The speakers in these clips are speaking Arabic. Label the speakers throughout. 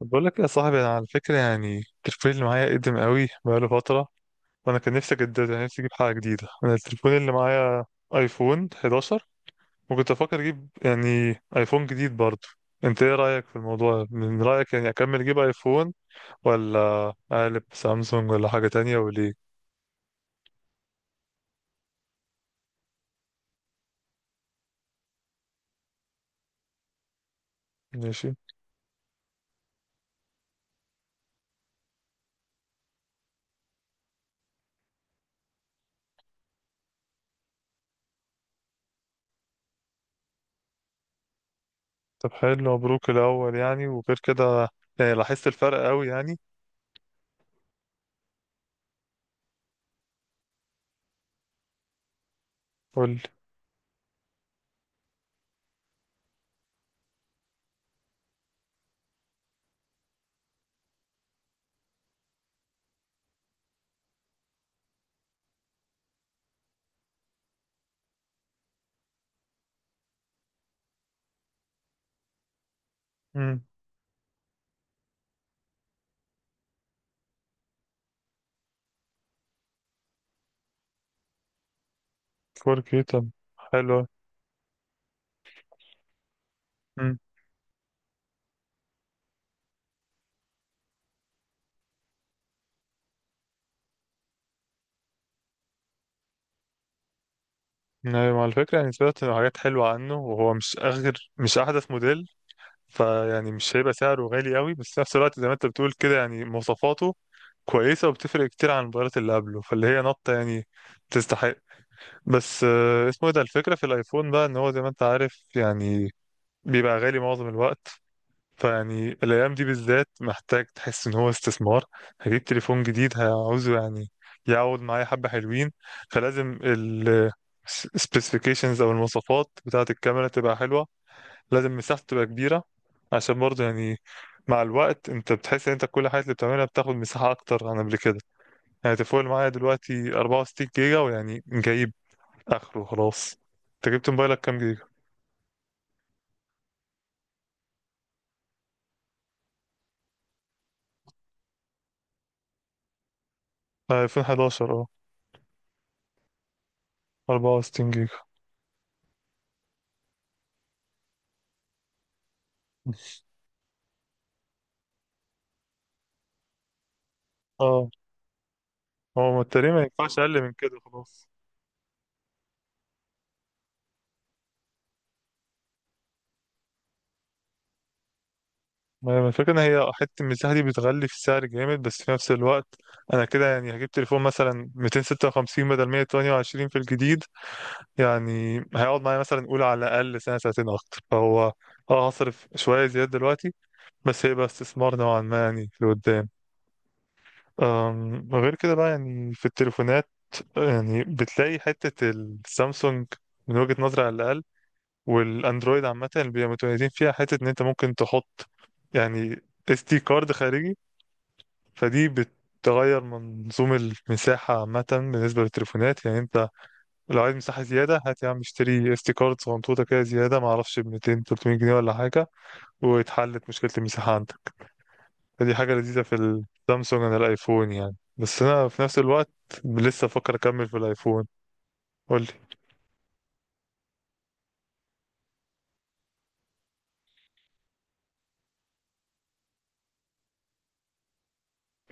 Speaker 1: طب، بقول لك يا صاحبي، انا على فكره يعني التليفون اللي معايا قديم قوي بقاله فتره. وانا كان نفسي اجدده، يعني نفسي اجيب حاجه جديده. انا التليفون اللي معايا ايفون 11، وكنت افكر اجيب يعني ايفون جديد برضه. انت ايه رايك في الموضوع؟ من رايك يعني اكمل اجيب ايفون، ولا اقلب سامسونج ولا حاجه تانية؟ وليه؟ ماشي. طب حلو، مبروك الاول يعني. وغير كده، يعني لاحظت الفرق قوي يعني؟ قول لي. امم. 4K؟ طب حلو. نعم، على فكرة يعني سمعت حاجات حلوة عنه، وهو مش آخر مش أحدث موديل، فيعني مش هيبقى سعره غالي قوي، بس في نفس الوقت زي ما أنت بتقول كده يعني مواصفاته كويسة، وبتفرق كتير عن الموبايلات اللي قبله فاللي هي نطة يعني تستحق. بس اسمه إيه ده، الفكرة في الآيفون بقى إن هو زي ما أنت عارف يعني بيبقى غالي معظم الوقت. فيعني الأيام دي بالذات محتاج تحس إن هو استثمار. هجيب تليفون جديد هعوزه يعني يقعد معايا حبة حلوين. فلازم ال specifications أو المواصفات بتاعة الكاميرا تبقى حلوة. لازم مساحته تبقى كبيرة، عشان برضه يعني مع الوقت انت بتحس ان انت كل حاجة اللي بتعملها بتاخد مساحة أكتر عن قبل كده. يعني تليفون اللي معايا دلوقتي 64 جيجا، ويعني جايب آخره خلاص. انت جبت موبايلك كام جيجا؟ 2011، اه. 64 جيجا. اه، هو تقريبا ما ينفعش اقل من كده خلاص. ما هي الفكره ان هي حته المساحه دي بتغلي في السعر جامد، بس في نفس الوقت انا كده يعني هجيب تليفون مثلا 256 بدل 128 في الجديد. يعني هيقعد معايا مثلا نقول على الاقل سنه سنتين اكتر، فهو اه هصرف شويه زياده دلوقتي بس هيبقى استثمار نوعا ما يعني في قدام. غير كده بقى، يعني في التليفونات يعني بتلاقي حته السامسونج، من وجهه نظري على الاقل، والاندرويد عامه بيبقى متميزين فيها، حته ان انت ممكن تحط يعني اس دي كارد خارجي. فدي بتغير منظوم المساحه عامه بالنسبه للتليفونات، يعني انت لو عايز مساحه زياده هات يا عم اشتري اس دي كارد صغنطوطه كده زياده ما اعرفش ب 200 300 جنيه ولا حاجه، واتحلت مشكله المساحه عندك. فدي حاجه لذيذه في السامسونج عن الايفون يعني، بس انا في نفس الوقت لسه بفكر اكمل في الايفون. قول لي.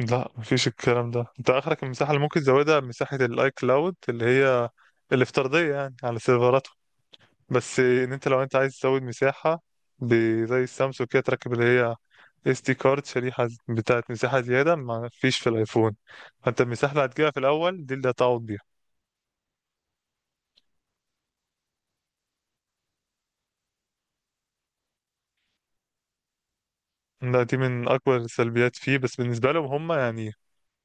Speaker 1: لا، مفيش الكلام ده، انت اخرك المساحه اللي ممكن تزودها مساحه الاي كلاود اللي هي الافتراضيه يعني على سيرفراته. بس ان انت لو انت عايز تزود مساحه زي السامسونج كده تركب اللي هي اس دي كارد، شريحه بتاعت مساحه زياده، ما فيش في الايفون. فانت المساحه اللي هتجيبها في الاول دي اللي هتقعد بيها. دي من اكبر السلبيات فيه، بس بالنسبه لهم هم يعني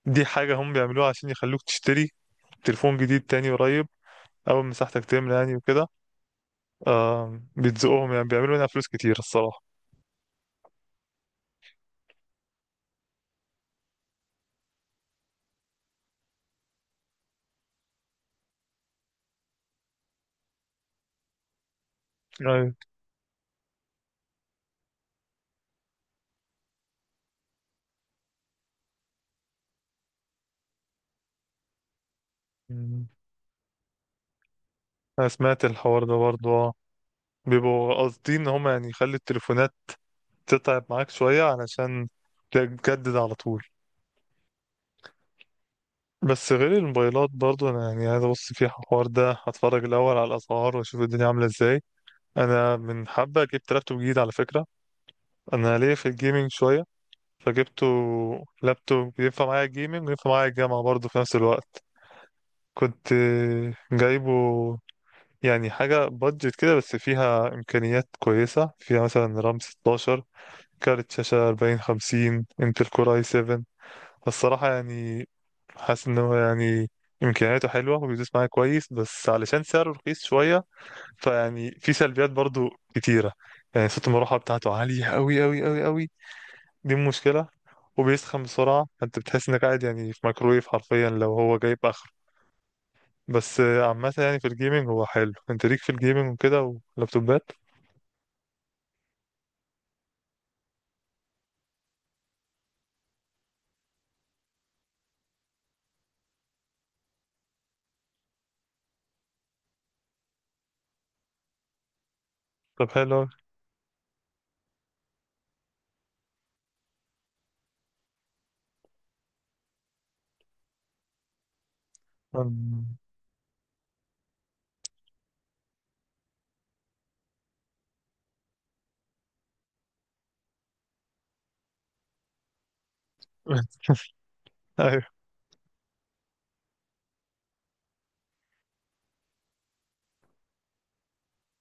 Speaker 1: دي حاجه هم بيعملوها عشان يخلوك تشتري تليفون جديد تاني قريب، اول مساحتك تملى يعني وكده. آه بيتزقوهم يعني بيعملوا منها فلوس كتير الصراحة. أيوة. مم. أنا سمعت الحوار ده برضه آه. بيبقوا قاصدين إن هما يعني يخلي التليفونات تتعب معاك شوية علشان تجدد على طول. بس غير الموبايلات برضه أنا يعني عايز أبص في الحوار ده، هتفرج الأول على الأسعار وأشوف الدنيا عاملة إزاي. أنا من حبة جبت لابتوب جديد على فكرة. أنا ليا في الجيمنج شوية فجبته لابتوب ينفع معايا الجيمنج وينفع معايا الجامعة برضه في نفس الوقت. كنت جايبه يعني حاجة بادجت كده، بس فيها إمكانيات كويسة، فيها مثلا رام 16، كارت شاشة 40 50، انتل كور اي 7. فالصراحة يعني حاسس إن هو يعني إمكانياته حلوة وبيدوس معايا كويس، بس علشان سعره رخيص شوية فيعني في سلبيات برضو كتيرة. يعني صوت المروحة بتاعته عالية أوي أوي أوي أوي، دي مشكلة. وبيسخن بسرعة، فأنت بتحس إنك قاعد يعني في ميكرويف حرفيا لو هو جايب آخره. بس عامة يعني في الجيمنج هو حلو، أنت ليك في الجيمنج وكده ولابتوبات. طب حلو أوي. أم- ايوه،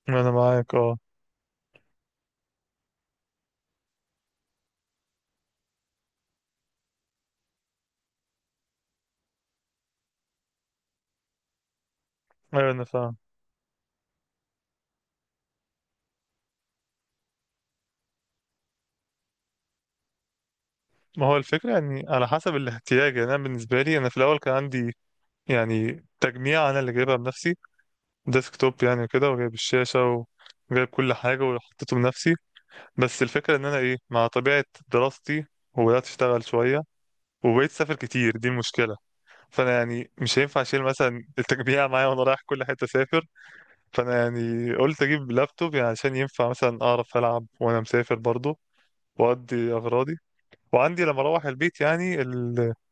Speaker 1: انا معاك اه. ايوه انا فاهم. ما هو الفكره يعني على حسب الاحتياج، يعني انا بالنسبه لي انا في الاول كان عندي يعني تجميع، انا اللي جايبها بنفسي، ديسك توب يعني كده، وجايب الشاشه وجايب كل حاجه وحطيته بنفسي. بس الفكره ان انا ايه مع طبيعه دراستي، وبدات اشتغل شويه وبقيت اسافر كتير، دي المشكله. فانا يعني مش هينفع اشيل مثلا التجميع معايا وانا رايح كل حته اسافر. فانا يعني قلت اجيب لابتوب يعني عشان ينفع مثلا اعرف العب وانا مسافر برضه واودي اغراضي، وعندي لما اروح البيت يعني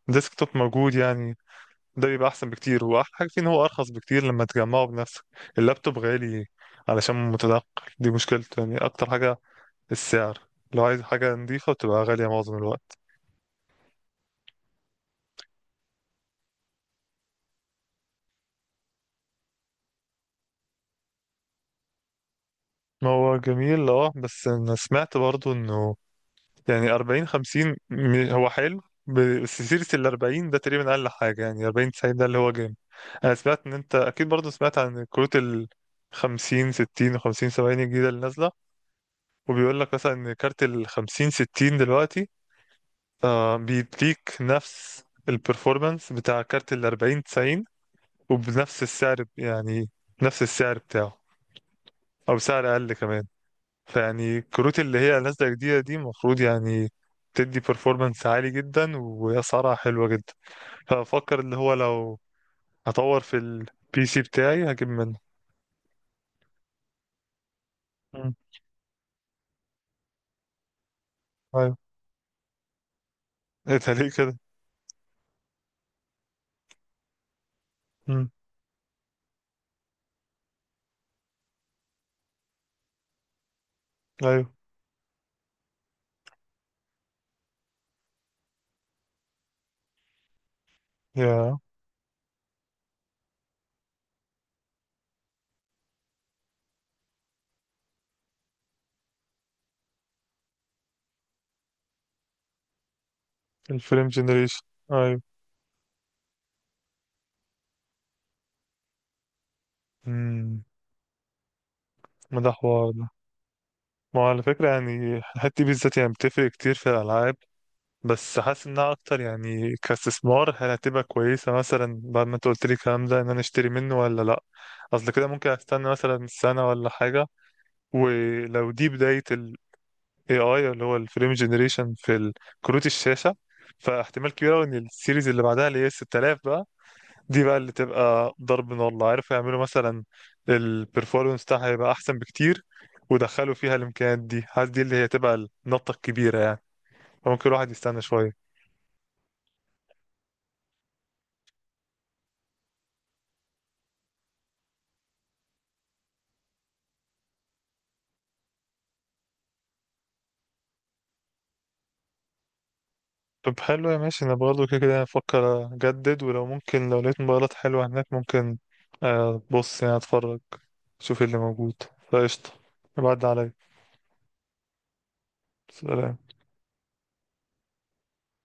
Speaker 1: الديسكتوب موجود يعني. ده بيبقى احسن بكتير، واحلى حاجه فيه ان هو ارخص بكتير لما تجمعه بنفسك. اللابتوب غالي علشان متنقل، دي مشكلته يعني، اكتر حاجه السعر. لو عايز حاجه نظيفه بتبقى غاليه معظم الوقت. ما هو جميل اه، بس انا سمعت برضو انه يعني 40 50 هو حلو، بس سيرة ال 40 ده تقريبا أقل حاجة، يعني 40 90 ده اللي هو جامد. أنا سمعت إن أنت أكيد برضه سمعت عن كروت ال 50 60 و 50 70 الجديدة اللي نازلة، وبيقول لك مثلا إن كارت ال 50 60 دلوقتي آه بيديك نفس البرفورمانس بتاع كارت ال 40 90، وبنفس السعر يعني، نفس السعر بتاعه أو سعر أقل كمان. فيعني الكروت اللي هي نازلة جديدة دي المفروض يعني تدي performance عالي جدا وأسعارها حلوة جدا، فأفكر اللي هو لو هطور في البي سي بتاعي هجيب منه. مم. أيوه. إيه ده ليه كده؟ مم. أيوه يا. الفريم جنريشن. أيوه. مم. ما ده حوار ده. ما هو على فكرة يعني الحتة دي بالذات يعني بتفرق كتير في الألعاب. بس حاسس انها اكتر يعني كاستثمار، هل هتبقى كويسه مثلا بعد ما انت قلت لي الكلام ده ان انا اشتري منه ولا لا؟ اصل كده ممكن استنى مثلا سنه ولا حاجه. ولو دي بدايه ال AI اللي هو الفريم جنريشن في كروت الشاشه، فاحتمال كبير أوي ان السيريز اللي بعدها اللي هي 6000 بقى دي بقى اللي تبقى ضرب نار، الله عارف. يعملوا مثلا البرفورمانس بتاعها هيبقى احسن بكتير، ودخلوا فيها الامكانيات دي، حاسس دي اللي هي تبقى النطه الكبيره يعني، فممكن الواحد يستنى شويه. طب حلو يا ماشي، انا برضه كده كده افكر اجدد، ولو ممكن لو لقيت موبايلات حلوة هناك ممكن، بص يعني اتفرج، شوف إيه اللي موجود، فقشطة، بعد عليا. سلام.